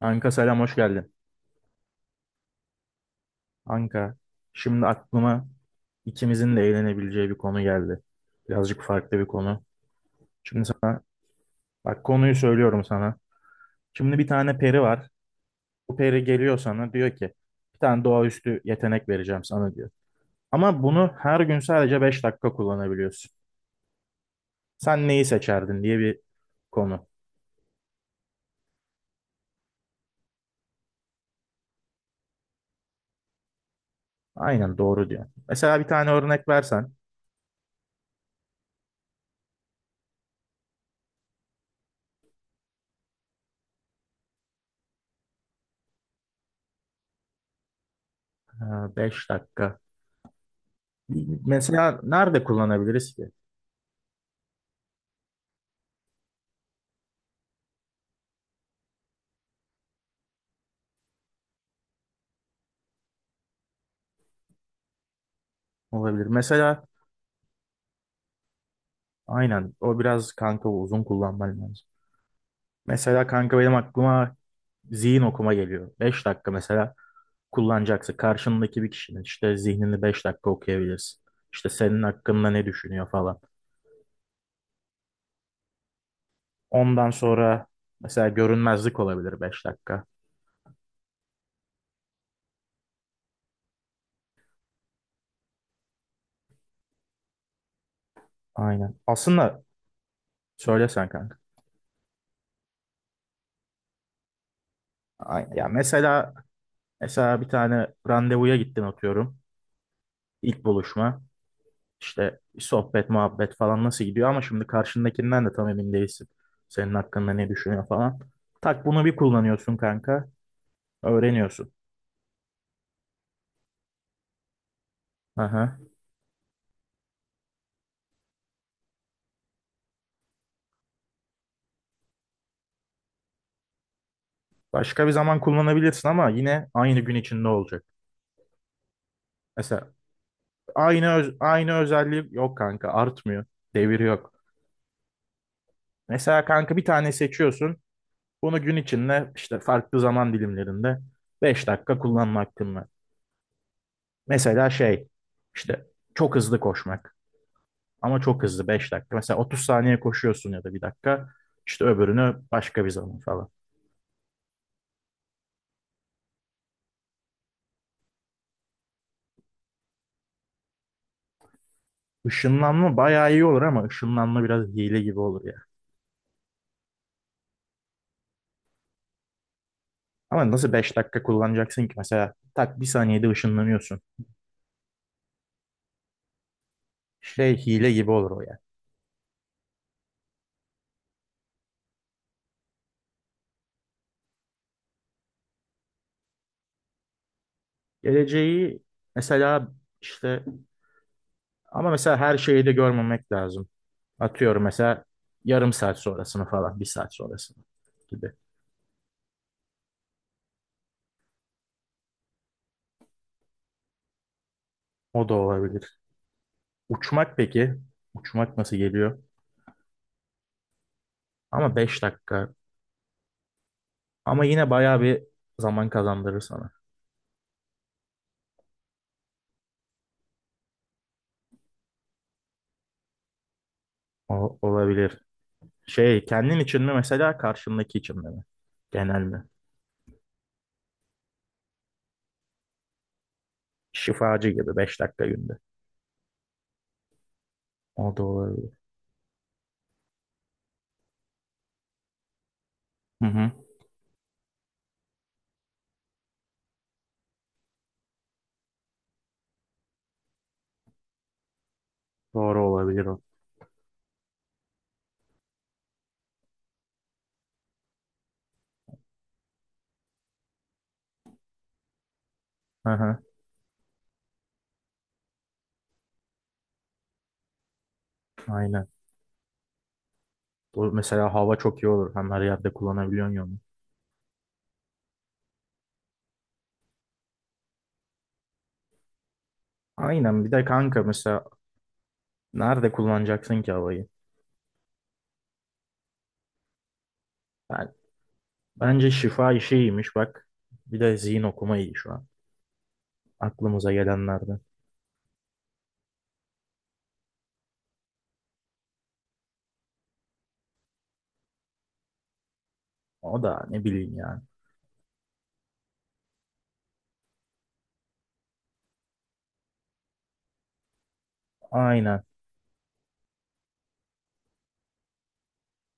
Anka, selam, hoş geldin. Anka, şimdi aklıma ikimizin de eğlenebileceği bir konu geldi. Birazcık farklı bir konu. Şimdi sana, bak, konuyu söylüyorum sana. Şimdi bir tane peri var. Bu peri geliyor, sana diyor ki bir tane doğaüstü yetenek vereceğim sana diyor. Ama bunu her gün sadece 5 dakika kullanabiliyorsun. Sen neyi seçerdin diye bir konu. Aynen, doğru diyor. Mesela bir tane örnek versen. 5 dakika. Mesela nerede kullanabiliriz ki? Olabilir. Mesela. Aynen. O biraz kanka uzun kullanman lazım. Mesela kanka benim aklıma zihin okuma geliyor. 5 dakika mesela kullanacaksın. Karşındaki bir kişinin işte zihnini 5 dakika okuyabilirsin. İşte senin hakkında ne düşünüyor falan. Ondan sonra mesela görünmezlik olabilir 5 dakika. Aynen. Aslında söylesen kanka. Aynen. Ya mesela bir tane randevuya gittin atıyorum. İlk buluşma. İşte sohbet, muhabbet falan nasıl gidiyor ama şimdi karşındakinden de tam emin değilsin. Senin hakkında ne düşünüyor falan. Tak bunu bir kullanıyorsun kanka. Öğreniyorsun. Aha. Başka bir zaman kullanabilirsin ama yine aynı gün içinde olacak. Mesela aynı özelliği yok kanka, artmıyor. Devir yok. Mesela kanka bir tane seçiyorsun. Bunu gün içinde işte farklı zaman dilimlerinde 5 dakika kullanma hakkın var. Mesela şey, işte çok hızlı koşmak. Ama çok hızlı 5 dakika. Mesela 30 saniye koşuyorsun ya da bir dakika. İşte öbürünü başka bir zaman falan. Işınlanma bayağı iyi olur ama ışınlanma biraz hile gibi olur ya. Ama nasıl 5 dakika kullanacaksın ki? Mesela tak bir saniyede ışınlanıyorsun. Şey, hile gibi olur o ya. Geleceği mesela işte, ama mesela her şeyi de görmemek lazım. Atıyorum mesela yarım saat sonrasını falan, bir saat sonrasını gibi. O da olabilir. Uçmak peki? Uçmak nasıl geliyor? Ama 5 dakika. Ama yine bayağı bir zaman kazandırır sana. O, olabilir. Şey, kendin için mi mesela, karşındaki için mi? Genelde. Şifacı gibi 5 dakika günde. O da olabilir. Hı hı. Doğru olabilir o. Hı hı. Aynen. Bu mesela hava çok iyi olur. Hem her yerde kullanabiliyorsun ya onu. Aynen, bir de kanka mesela nerede kullanacaksın ki havayı? Ben, bence şifa işi iyiymiş bak. Bir de zihin okuma iyi şu an. Aklımıza gelenlerden. O da ne bileyim yani. Aynen.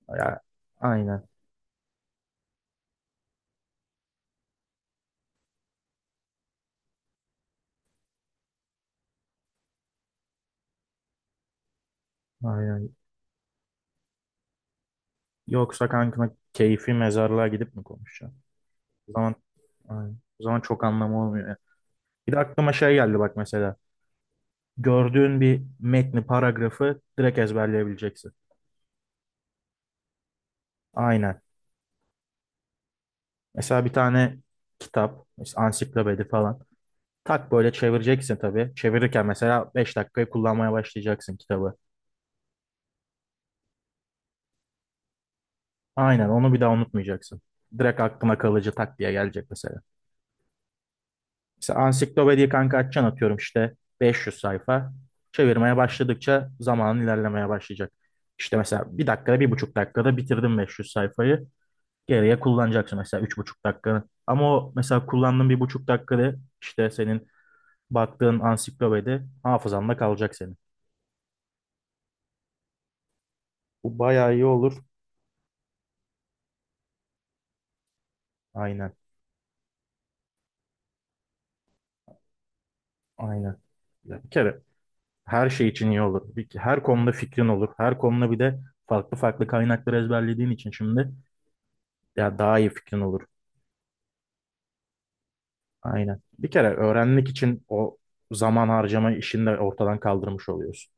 Ya, aynen. Aynen. Yoksa kankana keyfi mezarlığa gidip mi konuşacağım? O zaman, aynen. O zaman çok anlamı olmuyor ya. Bir de aklıma şey geldi bak mesela. Gördüğün bir metni, paragrafı direkt ezberleyebileceksin. Aynen. Mesela bir tane kitap, mesela ansiklopedi falan. Tak böyle çevireceksin tabii. Çevirirken mesela 5 dakikayı kullanmaya başlayacaksın kitabı. Aynen onu bir daha unutmayacaksın. Direkt aklına kalıcı tak diye gelecek mesela. Mesela ansiklopediyi kanka açacaksın atıyorum işte 500 sayfa. Çevirmeye başladıkça zamanın ilerlemeye başlayacak. İşte mesela bir dakikada, 1,5 dakikada bitirdim 500 sayfayı. Geriye kullanacaksın mesela 3,5 dakikanı. Ama o mesela kullandığın 1,5 dakikada işte senin baktığın ansiklopedi hafızanda kalacak senin. Bu bayağı iyi olur. Aynen. Aynen. Ya bir kere her şey için iyi olur. Her konuda fikrin olur. Her konuda bir de farklı farklı kaynakları ezberlediğin için şimdi ya daha iyi fikrin olur. Aynen. Bir kere öğrenmek için o zaman harcama işini de ortadan kaldırmış oluyorsun.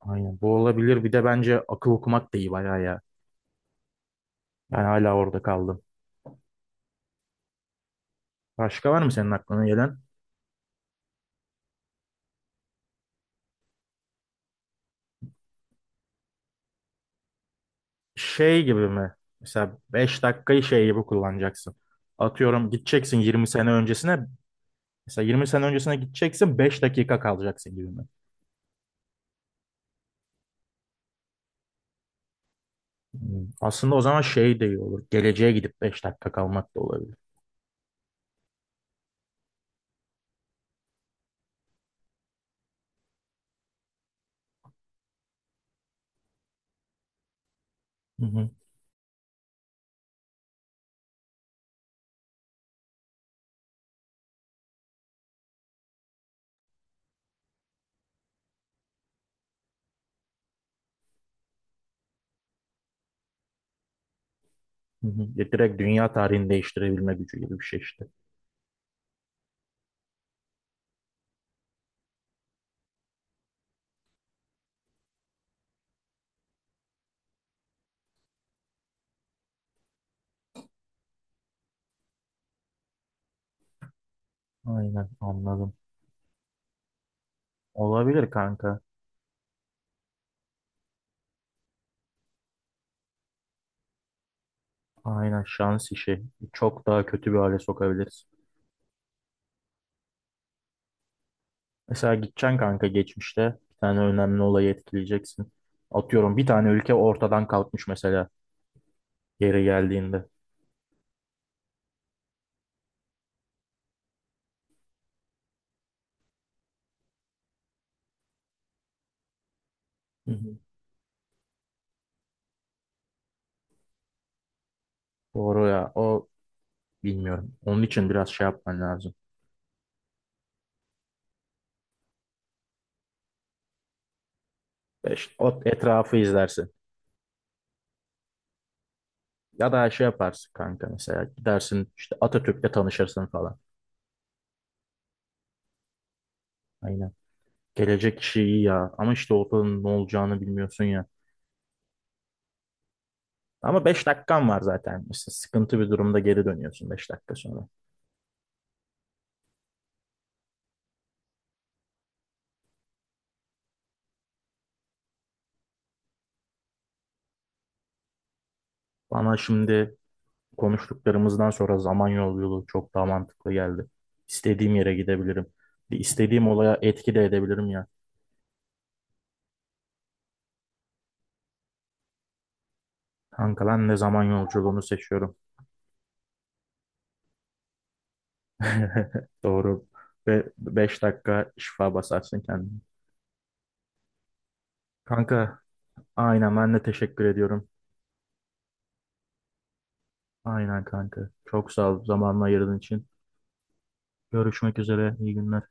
Aynen. Bu olabilir. Bir de bence akıl okumak da iyi bayağı ya. Ben hala orada kaldım. Başka var mı senin aklına gelen? Şey gibi mi? Mesela 5 dakikayı şey gibi kullanacaksın. Atıyorum gideceksin 20 sene öncesine. Mesela 20 sene öncesine gideceksin, 5 dakika kalacaksın gibi mi? Hmm. Aslında o zaman şey de iyi olur. Geleceğe gidip 5 dakika kalmak da olabilir. Hı hı. Hı hı. Ya, direkt dünya tarihini değiştirebilme gücü gibi bir şey işte. Aynen, anladım. Olabilir kanka. Aynen, şans işi. Çok daha kötü bir hale sokabiliriz. Mesela gideceksin kanka geçmişte bir tane önemli olayı etkileyeceksin. Atıyorum bir tane ülke ortadan kalkmış mesela geri geldiğinde. Hı hı. Doğru ya, o bilmiyorum. Onun için biraz şey yapman lazım. İşte, o etrafı izlersin. Ya da şey yaparsın kanka, mesela gidersin işte Atatürk'le tanışırsın falan. Aynen. Gelecek işi iyi ya ama işte ortada ne olacağını bilmiyorsun ya. Ama 5 dakikan var zaten. İşte sıkıntı bir durumda geri dönüyorsun 5 dakika sonra. Bana şimdi konuştuklarımızdan sonra Samanyolu yolu çok daha mantıklı geldi. İstediğim yere gidebilirim. Bir istediğim olaya etki de edebilirim ya. Kanka lan, ne zaman yolculuğunu seçiyorum. Doğru. Ve 5 dakika şifa basarsın kendine. Kanka, aynen, ben de teşekkür ediyorum. Aynen kanka. Çok sağ ol zamanını ayırdığın için. Görüşmek üzere. İyi günler.